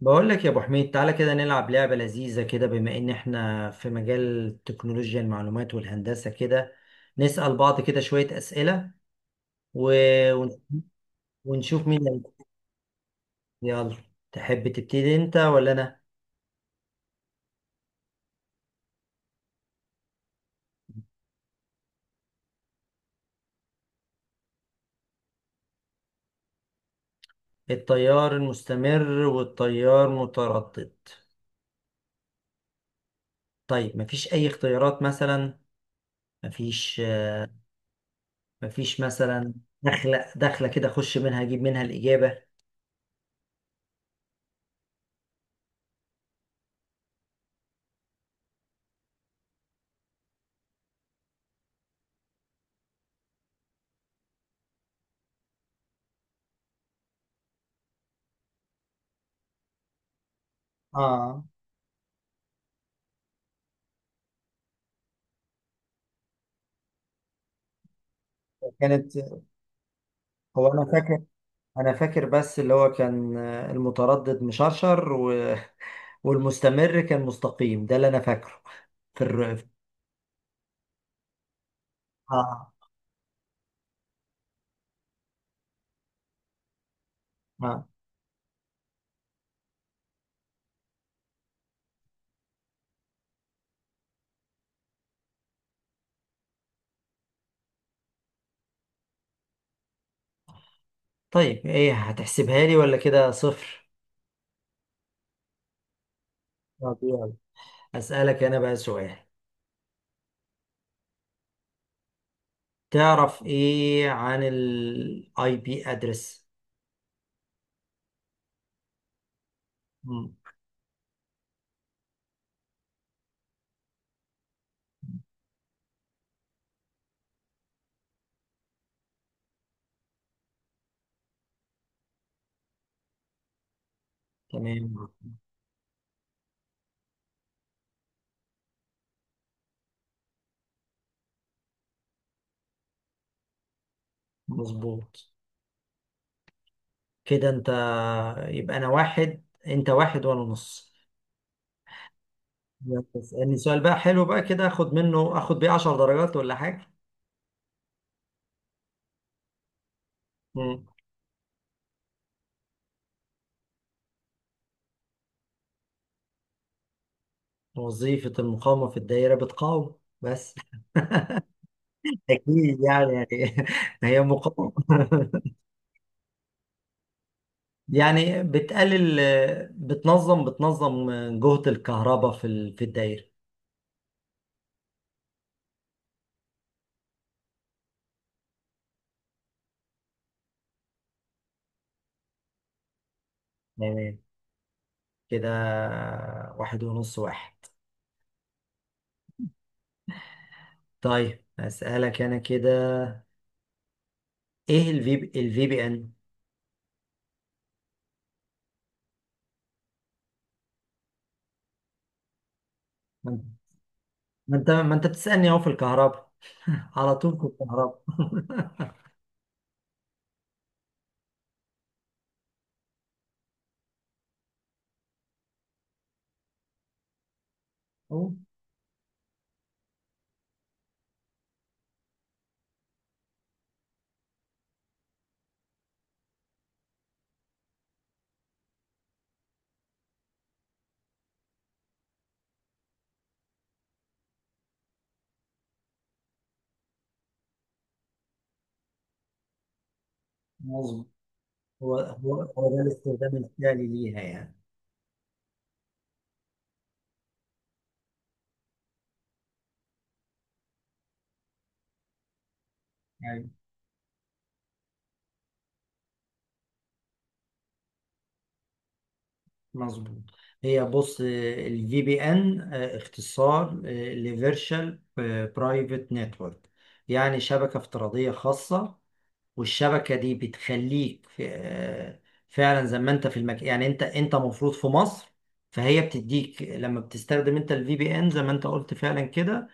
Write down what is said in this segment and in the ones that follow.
بقول لك يا ابو حميد، تعالى كده نلعب لعبة لذيذة كده. بما ان احنا في مجال تكنولوجيا المعلومات والهندسة كده، نسأل بعض كده شوية أسئلة و... ون- ونشوف مين اللي هيكسب. يلا، تحب تبتدي انت ولا انا؟ التيار المستمر والتيار متردد. طيب، مفيش اي اختيارات مثلا؟ مفيش؟ مفيش مثلا؟ دخلة دخلة كده اخش منها اجيب منها الإجابة. اه، كانت. هو انا فاكر، انا فاكر، بس اللي هو كان المتردد مشرشر والمستمر كان مستقيم، ده اللي انا فاكره. في الر... آه. آه. طيب ايه، هتحسبها لي ولا كده صفر؟ طب يلا، اسالك انا بقى سؤال. تعرف ايه عن الاي بي ادرس؟ تمام. مظبوط. كده انت، يبقى انا واحد انت واحد وانا نص. يلا، اسالني سؤال بقى حلو بقى كده اخد منه، اخد بيه 10 درجات ولا حاجه. مم. وظيفة المقاومة في الدائرة بتقاوم بس. أكيد يعني، يعني هي مقاومة يعني بتقلل، بتنظم جهد الكهرباء في الدائرة. تمام. كده واحد ونص، واحد. طيب أسألك أنا كده، إيه الفي بي إن؟ ما ما أنت بتسألني أهو في الكهرباء، على طول في الكهرباء أهو، مظبوط. هو ده الاستخدام الفعلي ليها يعني؟ يعني مظبوط. هي بص، الفي بي ان اختصار لفيرشوال برايفت نتورك، يعني شبكة افتراضية خاصة. والشبكة دي بتخليك في فعلا زي ما انت في المكان. يعني انت مفروض في مصر، فهي بتديك لما بتستخدم انت الفي بي ان زي ما انت قلت فعلا كده.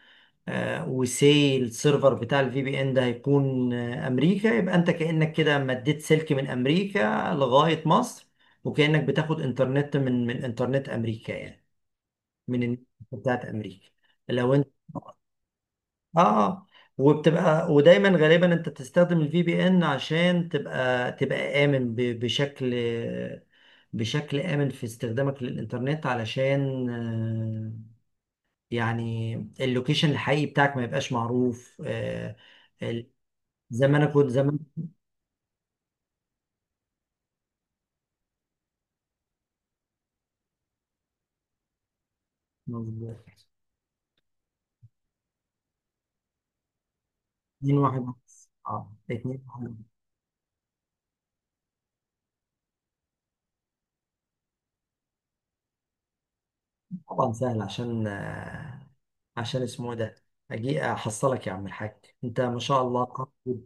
وسي السيرفر بتاع الفي بي ان ده هيكون امريكا، يبقى انت كانك كده مديت سلك من امريكا لغايه مصر، وكانك بتاخد انترنت من انترنت امريكا يعني، من النت بتاعت امريكا. لو انت، اه، وبتبقى ودايما غالبا انت تستخدم الفي بي ان عشان تبقى، بشكل، بشكل امن في استخدامك للانترنت. علشان يعني اللوكيشن الحقيقي بتاعك ما يبقاش معروف. ال- زي ما انا كنت زمان. مظبوط. اتنين واحد. اه اتنين واحد. طبعا سهل عشان عشان اسمه ده، اجي احصلك يا عم الحاج، انت ما شاء الله قوي.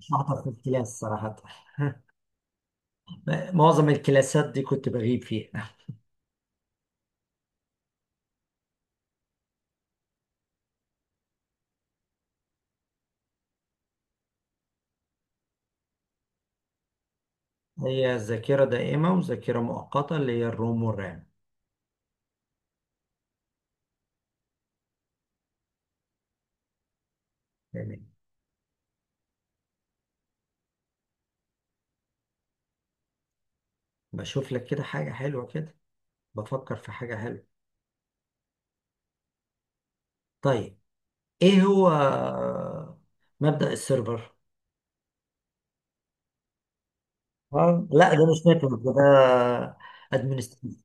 مش شاطر في الكلاس صراحة معظم الكلاسات دي كنت بغيب فيها. هي ذاكرة دائمة وذاكرة مؤقتة، اللي هي الروم والرام. تمام. بشوف لك كده حاجة حلوة كده، بفكر في حاجة حلوة. طيب، ايه هو مبدأ السيرفر؟ لا ده مش نتورك، ده ادمنستريشن.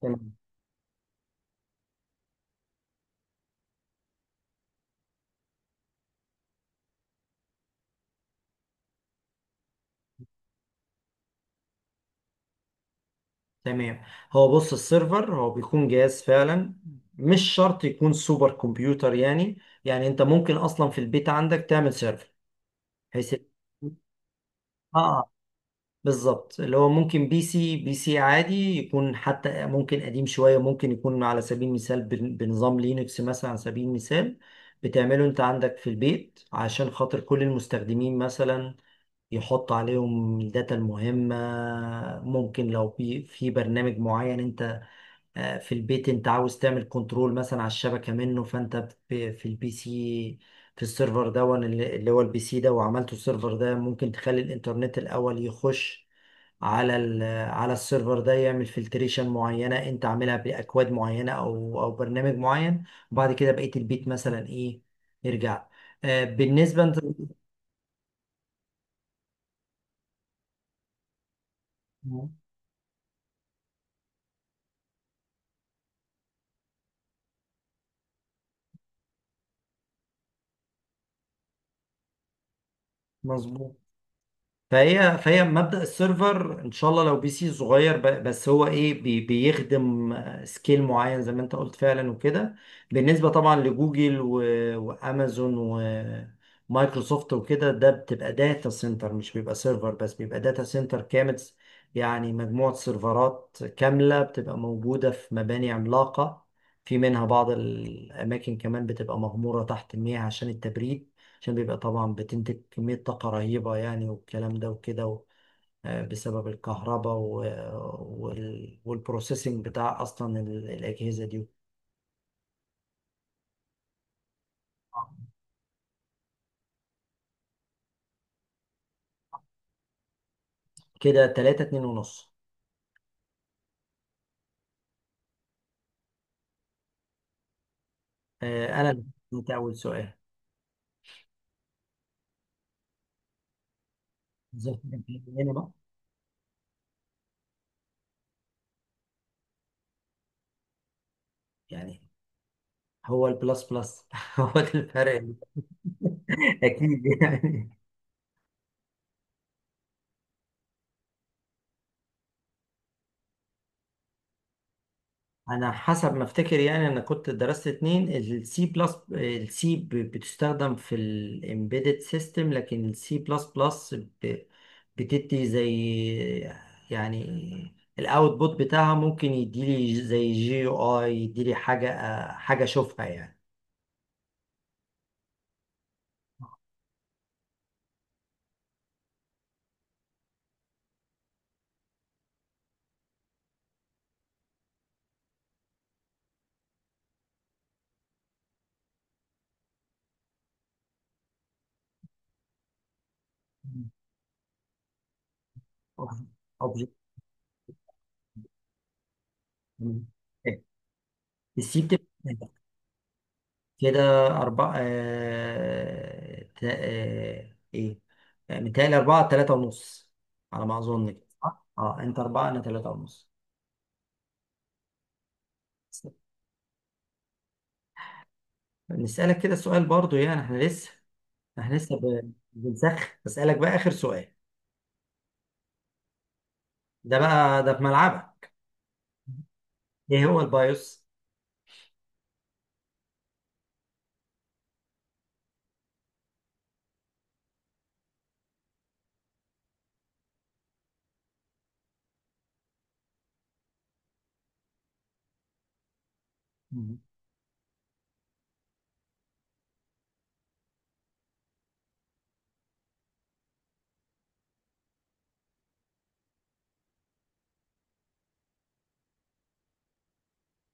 تمام، تمام. هو بص، السيرفر هو بيكون جهاز فعلا. مش شرط يكون سوبر كمبيوتر يعني. يعني انت ممكن اصلا في البيت عندك تعمل سيرفر، بحيث اه، بالظبط. اللي هو ممكن بي سي عادي يكون، حتى ممكن قديم شوية، ممكن يكون على سبيل المثال بنظام لينكس مثلا، على سبيل المثال. بتعمله انت عندك في البيت عشان خاطر كل المستخدمين مثلا يحط عليهم الداتا المهمة. ممكن لو في برنامج معين انت في البيت انت عاوز تعمل كنترول مثلا على الشبكة منه، فانت في البي سي، في السيرفر ده، اللي هو البي سي ده وعملته السيرفر ده، ممكن تخلي الانترنت الاول يخش على ال- على السيرفر ده، يعمل فلتريشن معينة انت عاملها باكواد معينة او او برنامج معين. وبعد كده بقية البيت مثلا ايه، يرجع بالنسبة انت. مظبوط. فهي مبدأ السيرفر ان شاء الله لو بي سي صغير بس هو ايه، بي بيخدم سكيل معين زي ما انت قلت فعلا وكده. بالنسبة طبعا لجوجل وامازون ومايكروسوفت وكده، ده بتبقى داتا سنتر، مش بيبقى سيرفر بس، بيبقى داتا سنتر كامل. يعني مجموعة سيرفرات كاملة بتبقى موجودة في مباني عملاقة. في منها بعض الأماكن كمان بتبقى مغمورة تحت المياه عشان التبريد، عشان بيبقى طبعا بتنتج كمية طاقة رهيبة يعني، والكلام ده وكده بسبب الكهرباء والبروسيسنج بتاع أصلا الأجهزة دي. كده تلاتة، اتنين ونص. أنا اللي، أنت أول سؤال. بالظبط هنا بقى يعني، هو البلس بلس هو ده الفرق؟ أكيد يعني. انا حسب ما افتكر يعني، انا كنت درست اتنين، السي بلس، السي بتستخدم في الامبيدد سيستم، لكن السي بلس بلس بتدي زي، يعني الاوتبوت بتاعها ممكن يديلي زي جي يو اي، يديلي حاجه، حاجه اشوفها يعني. اوبجكت. السي بتبقى. كده أربعة آه... تا... آه... إيه آه، متهيألي أربعة، تلاتة ونص، على ما أظن كده، صح؟ أه، أنت أربعة، أنا تلاتة ونص. نسألك كده سؤال برضو، يعني إحنا لسه، إحنا لسه ب... بنسخ بسألك بقى آخر سؤال. ده بقى ده في ملعبك. إيه هو البايوس؟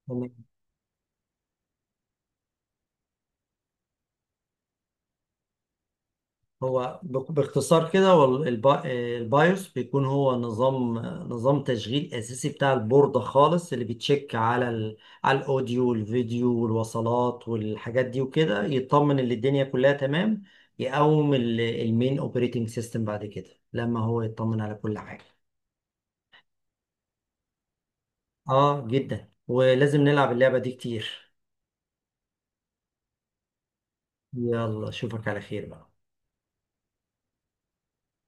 مم. هو باختصار كده، هو البايوس بيكون هو نظام، نظام تشغيل اساسي بتاع البوردة خالص، اللي بيتشيك على الاوديو والفيديو والوصلات والحاجات دي وكده، يطمن ان الدنيا كلها تمام، يقوم المين اوبريتنج سيستم بعد كده لما هو يطمن على كل حاجة. اه جدا، ولازم نلعب اللعبة دي كتير. يلا اشوفك على خير بقى.